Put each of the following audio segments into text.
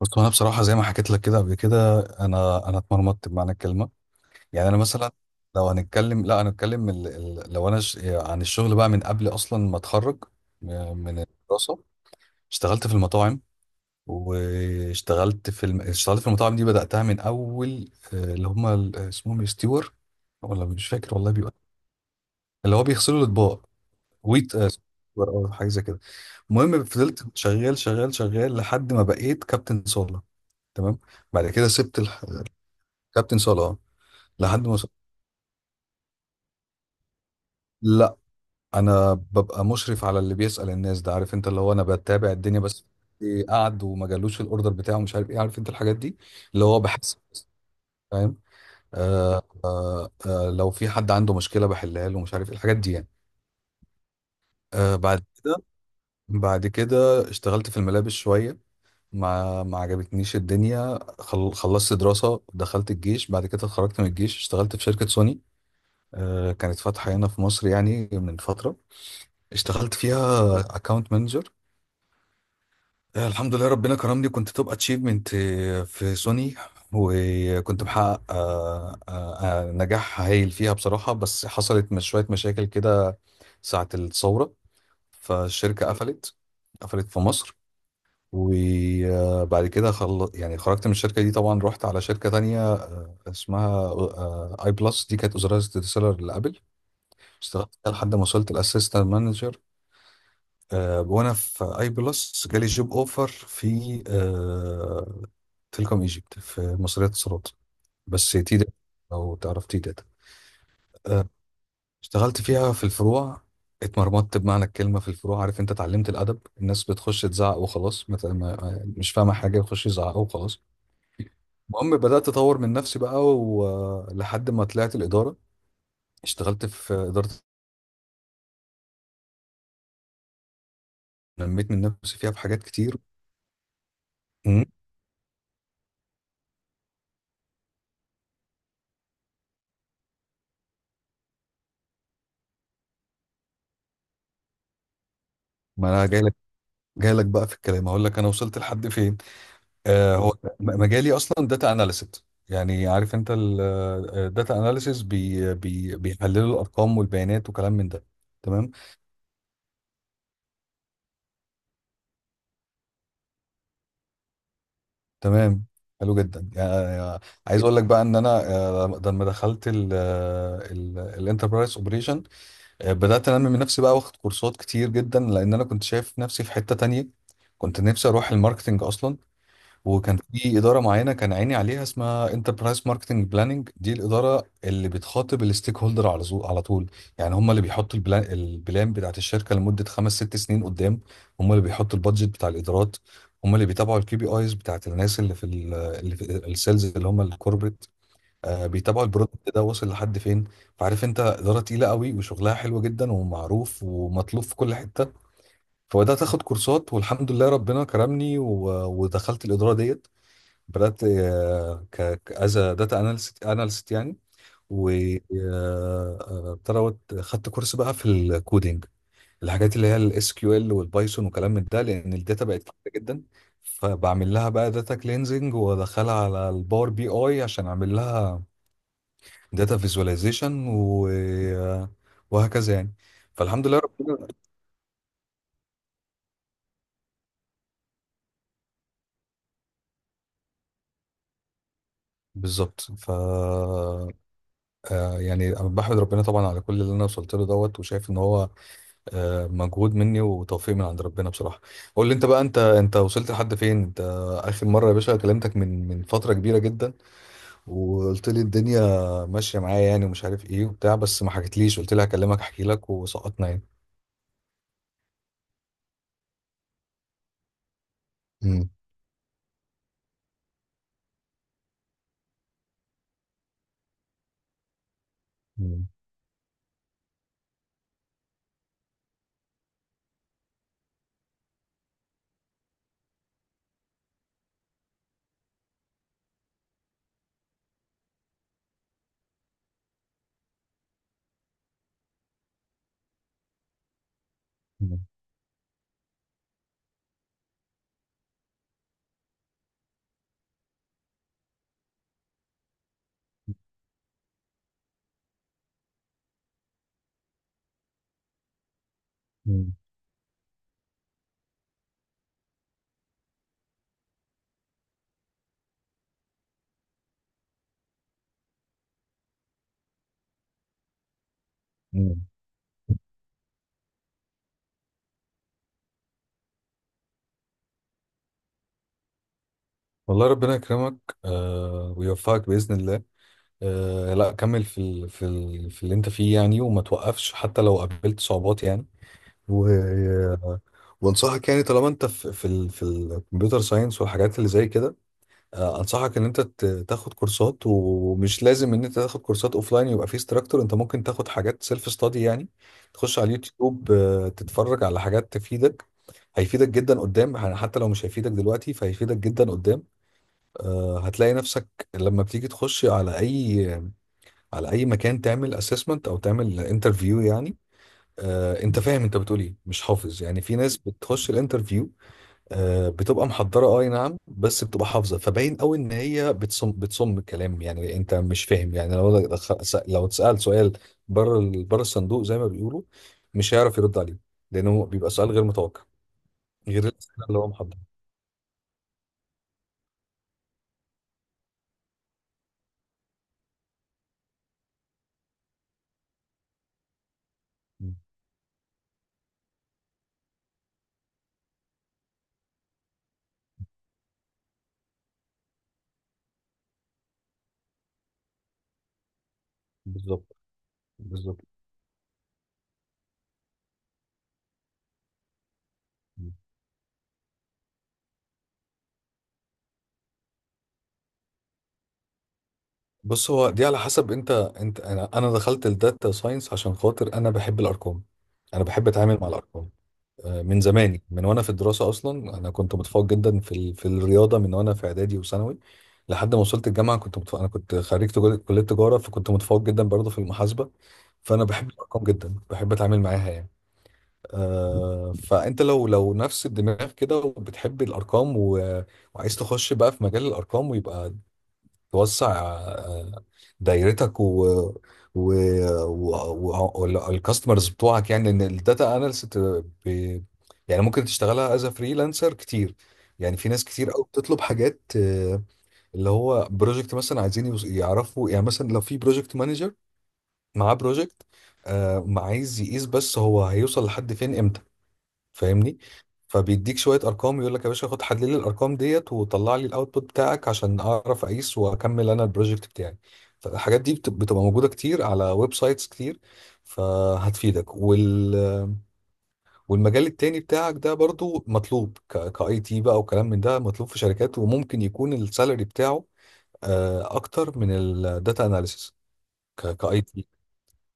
بص، هو انا بصراحه زي ما حكيت لك كده قبل كده انا اتمرمطت بمعنى الكلمه. يعني انا مثلا لو هنتكلم لا هنتكلم عن الشغل بقى من قبل اصلا ما اتخرج من الدراسه. اشتغلت في المطاعم، اشتغلت في المطاعم دي بداتها من اول، اللي هم اسمهم ستيور، ولا مش فاكر والله. بيبقى اللي هو بيغسلوا الاطباق، ويت ستيور او حاجه زي كده. المهم فضلت شغال شغال شغال لحد ما بقيت كابتن صاله. تمام. بعد كده سبت. كابتن صلاة، لحد ما وص- لا، انا ببقى مشرف على اللي بيسأل الناس ده، عارف انت، اللي هو انا بتابع الدنيا بس. إيه قعد وما جالوش الاوردر بتاعه، مش عارف ايه، عارف انت الحاجات دي. اللي هو بحس، فاهم. لو في حد عنده مشكلة بحلها له، مش عارف ايه الحاجات دي يعني. بعد كده، بعد كده اشتغلت في الملابس شوية، ما عجبتنيش الدنيا. خلصت دراسة، دخلت الجيش، بعد كده اتخرجت من الجيش، اشتغلت في شركة سوني. كانت فاتحة هنا في مصر يعني من فترة. اشتغلت فيها اكاونت مانجر. الحمد لله ربنا كرمني، كنت توب اتشيفمنت في سوني، وكنت محقق نجاح هايل فيها بصراحة. بس حصلت مش شوية مشاكل كده ساعة الثورة، فالشركة قفلت، قفلت في مصر. وبعد كده يعني خرجت من الشركة دي. طبعا رحت على شركة تانية اسمها اي بلس، دي كانت وزارة السيلر لابل. اشتغلت فيها لحد ما وصلت الاسيستنت مانجر. وانا في اي بلس جالي جوب اوفر في تيليكوم ايجيبت، في مصرية اتصالات، بس تي داتا، لو تعرف تي داتا. آه، اشتغلت فيها في الفروع. اتمرمطت بمعنى الكلمة في الفروع، عارف انت، اتعلمت الادب. الناس بتخش تزعق وخلاص، مش فاهمة حاجة، يخش يزعقوا وخلاص. المهم بدأت أطور من نفسي بقى، ولحد ما طلعت الإدارة اشتغلت في إدارة، نميت من نفسي فيها في حاجات كتير. مم. ما أنا جاي لك، بقى في الكلام، أقول لك أنا وصلت لحد فين. هو مجالي اصلا داتا اناليست. يعني عارف انت الداتا اناليسيس، بي بي بيحللوا الارقام والبيانات وكلام من ده. تمام. تمام، حلو جدا يعني. عايز اقول لك بقى ان انا لما دخلت الانتربرايز اوبريشن بدات انمي من نفسي بقى، واخد كورسات كتير جدا، لان انا كنت شايف نفسي في حته تانية. كنت نفسي اروح الماركتنج اصلا. وكان في اداره معينه كان عيني عليها، اسمها انتربرايز ماركتنج بلاننج. دي الاداره اللي بتخاطب الستيك هولدر على على طول. يعني هم اللي بيحطوا البلان، بتاعت الشركه لمده 5 6 سنين قدام. هم اللي بيحطوا البادجت بتاع الادارات. هم اللي بيتابعوا الكي بي ايز بتاعت الناس اللي في اللي في السيلز، اللي هم الكوربريت. بيتابعوا البرودكت ده واصل لحد فين. فعارف انت اداره تقيله قوي وشغلها حلو جدا ومعروف ومطلوب في كل حته. فبدات اخد كورسات، والحمد لله ربنا كرمني ودخلت الاداره ديت. بدأت آه، ك از داتا اناليست، يعني. وابتدت خدت كورس بقى في الكودينج، الحاجات اللي هي الاس كيو ال والبايثون وكلام من ده، لان الداتا بقت كتير جدا. فبعمل لها بقى داتا كلينزنج وادخلها على الباور بي اي عشان اعمل لها داتا فيزواليزيشن و... آه، وهكذا يعني. فالحمد لله ربنا. بالظبط. ف آه، يعني أنا بحمد ربنا طبعا على كل اللي انا وصلت له دوت، وشايف ان هو مجهود مني وتوفيق من عند ربنا بصراحة. قول لي انت بقى، انت وصلت لحد فين انت؟ اخر مرة يا باشا كلمتك من فترة كبيرة جدا، وقلت لي الدنيا ماشية معايا يعني، ومش عارف ايه وبتاع، بس ما حكيتليش. قلت لي هكلمك احكي لك، وسقطنا يعني. مم. مم. مم. مم. مم. والله ربنا يكرمك. ويوفقك بإذن الله. لا، كمل في ال في ال في اللي انت فيه يعني، وما توقفش حتى لو قابلت صعوبات يعني. و... وانصحك يعني، طالما انت في الكمبيوتر ساينس والحاجات اللي زي كده، انصحك ان انت تاخد كورسات. ومش لازم ان انت تاخد كورسات اوفلاين يبقى في استراكتور، انت ممكن تاخد حاجات سيلف ستادي يعني. تخش على اليوتيوب، تتفرج على حاجات تفيدك. هيفيدك جدا قدام يعني، حتى لو مش هيفيدك دلوقتي فهيفيدك جدا قدام. هتلاقي نفسك لما بتيجي تخش على اي مكان تعمل اسسمنت او تعمل انترفيو يعني. انت فاهم انت بتقول ايه، مش حافظ يعني. في ناس بتخش الانترفيو بتبقى محضره، اي نعم، بس بتبقى حافظه. فباين قوي ان هي بتصم الكلام يعني، انت مش فاهم يعني. لو لو اتسال سؤال بره الصندوق زي ما بيقولوا، مش هيعرف يرد عليه، لانه بيبقى سؤال غير متوقع، غير الاسئله اللي هو محضرها. م، بالظبط. بالظبط. م. بص، هو دي على حسب انت، انا دخلت الداتا ساينس عشان خاطر انا بحب الارقام. انا بحب اتعامل مع الارقام من زماني، من وانا في الدراسه اصلا. انا كنت متفوق جدا في في الرياضه من وانا في اعدادي وثانوي، لحد ما وصلت الجامعه كنت متفوق. انا كنت خريج كليه تجاره، فكنت متفوق جدا برضه في المحاسبه. فانا بحب الارقام جدا، بحب اتعامل معاها يعني. فانت لو نفس الدماغ كده وبتحب الارقام، وعايز تخش بقى في مجال الارقام، ويبقى توسع آه، دايرتك و و والكاستمرز بتوعك يعني. ان الداتا اناليست ب... يعني ممكن تشتغلها از فريلانسر كتير، يعني في ناس كتير قوي بتطلب حاجات اللي هو بروجكت مثلا، عايزين يعرفوا يعني، مثلا لو في بروجكت مانجر معاه بروجكت ما، عايز يقيس بس هو هيوصل لحد فين، فاهمني؟ فبيديك شويه ارقام، يقول لك يا باشا خد حلل لي الارقام ديت وطلع لي الاوتبوت بتاعك عشان اعرف اقيس واكمل انا البروجكت بتاعي. فالحاجات دي بتبقى موجوده كتير على ويب سايتس كتير، فهتفيدك. والمجال التاني بتاعك ده برضو مطلوب، كاي تي بقى وكلام من ده، مطلوب في شركات وممكن يكون السالري بتاعه اكتر من الداتا اناليسيس، كاي تي.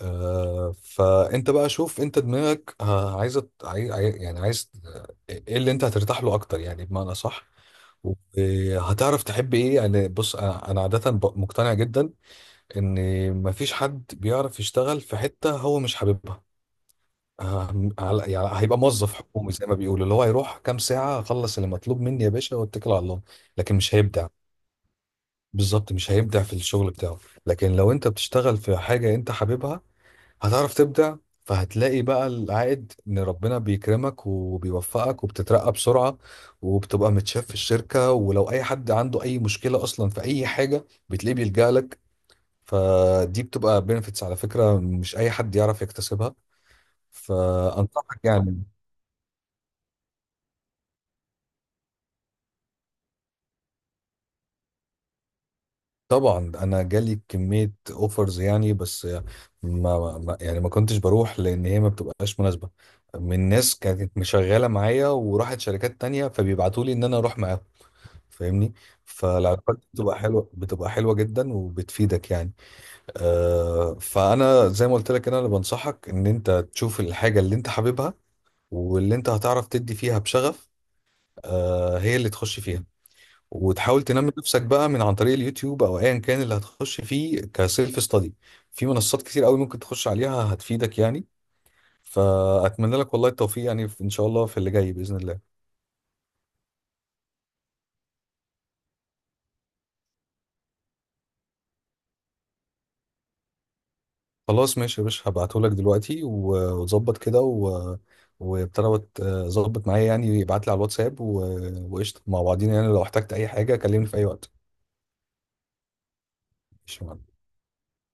فانت بقى شوف انت دماغك عايزه، يعني عايز ايه اللي انت هترتاح له اكتر يعني، بمعنى صح؟ وهتعرف تحب ايه يعني. بص انا، أنا عاده مقتنع جدا ان مفيش حد بيعرف يشتغل في حته هو مش حاببها. آه، يعني هيبقى موظف حكومي زي ما بيقولوا، اللي هو هيروح كام ساعه، اخلص اللي مطلوب مني يا باشا واتكل على الله. لكن مش هيبدع. بالظبط، مش هيبدع في الشغل بتاعه. لكن لو انت بتشتغل في حاجه انت حاببها هتعرف تبدع. فهتلاقي بقى العائد، ان ربنا بيكرمك وبيوفقك وبتترقى بسرعة، وبتبقى متشاف في الشركة، ولو اي حد عنده اي مشكلة اصلا في اي حاجة بتلاقيه بيلجأ لك. فدي بتبقى بنفيتس على فكرة، مش اي حد يعرف يكتسبها. فانصحك يعني. طبعا انا جالي كمية اوفرز يعني، بس يعني ما كنتش بروح لان هي ما بتبقاش مناسبة، من ناس كانت مشغلة معايا وراحت شركات تانية فبيبعتوا لي ان انا اروح معاهم، فاهمني؟ فالعلاقات دي بتبقى حلوه جدا وبتفيدك يعني. فانا زي ما قلت لك، انا اللي بنصحك ان انت تشوف الحاجه اللي انت حاببها واللي انت هتعرف تدي فيها بشغف، هي اللي تخش فيها. وتحاول تنمي نفسك بقى من عن طريق اليوتيوب او ايا كان اللي هتخش فيه كسيلف ستادي. في منصات كتير قوي ممكن تخش عليها هتفيدك يعني. فاتمنى لك والله التوفيق يعني، ان شاء الله في اللي جاي باذن الله. خلاص ماشي يا باشا، هبعتهولك دلوقتي وتظبط كده وابتدى، ظبط معايا يعني، يبعت لي على الواتساب وقشطة مع بعضينا يعني. لو احتجت أي حاجة كلمني في أي وقت. ماشي يا معلم.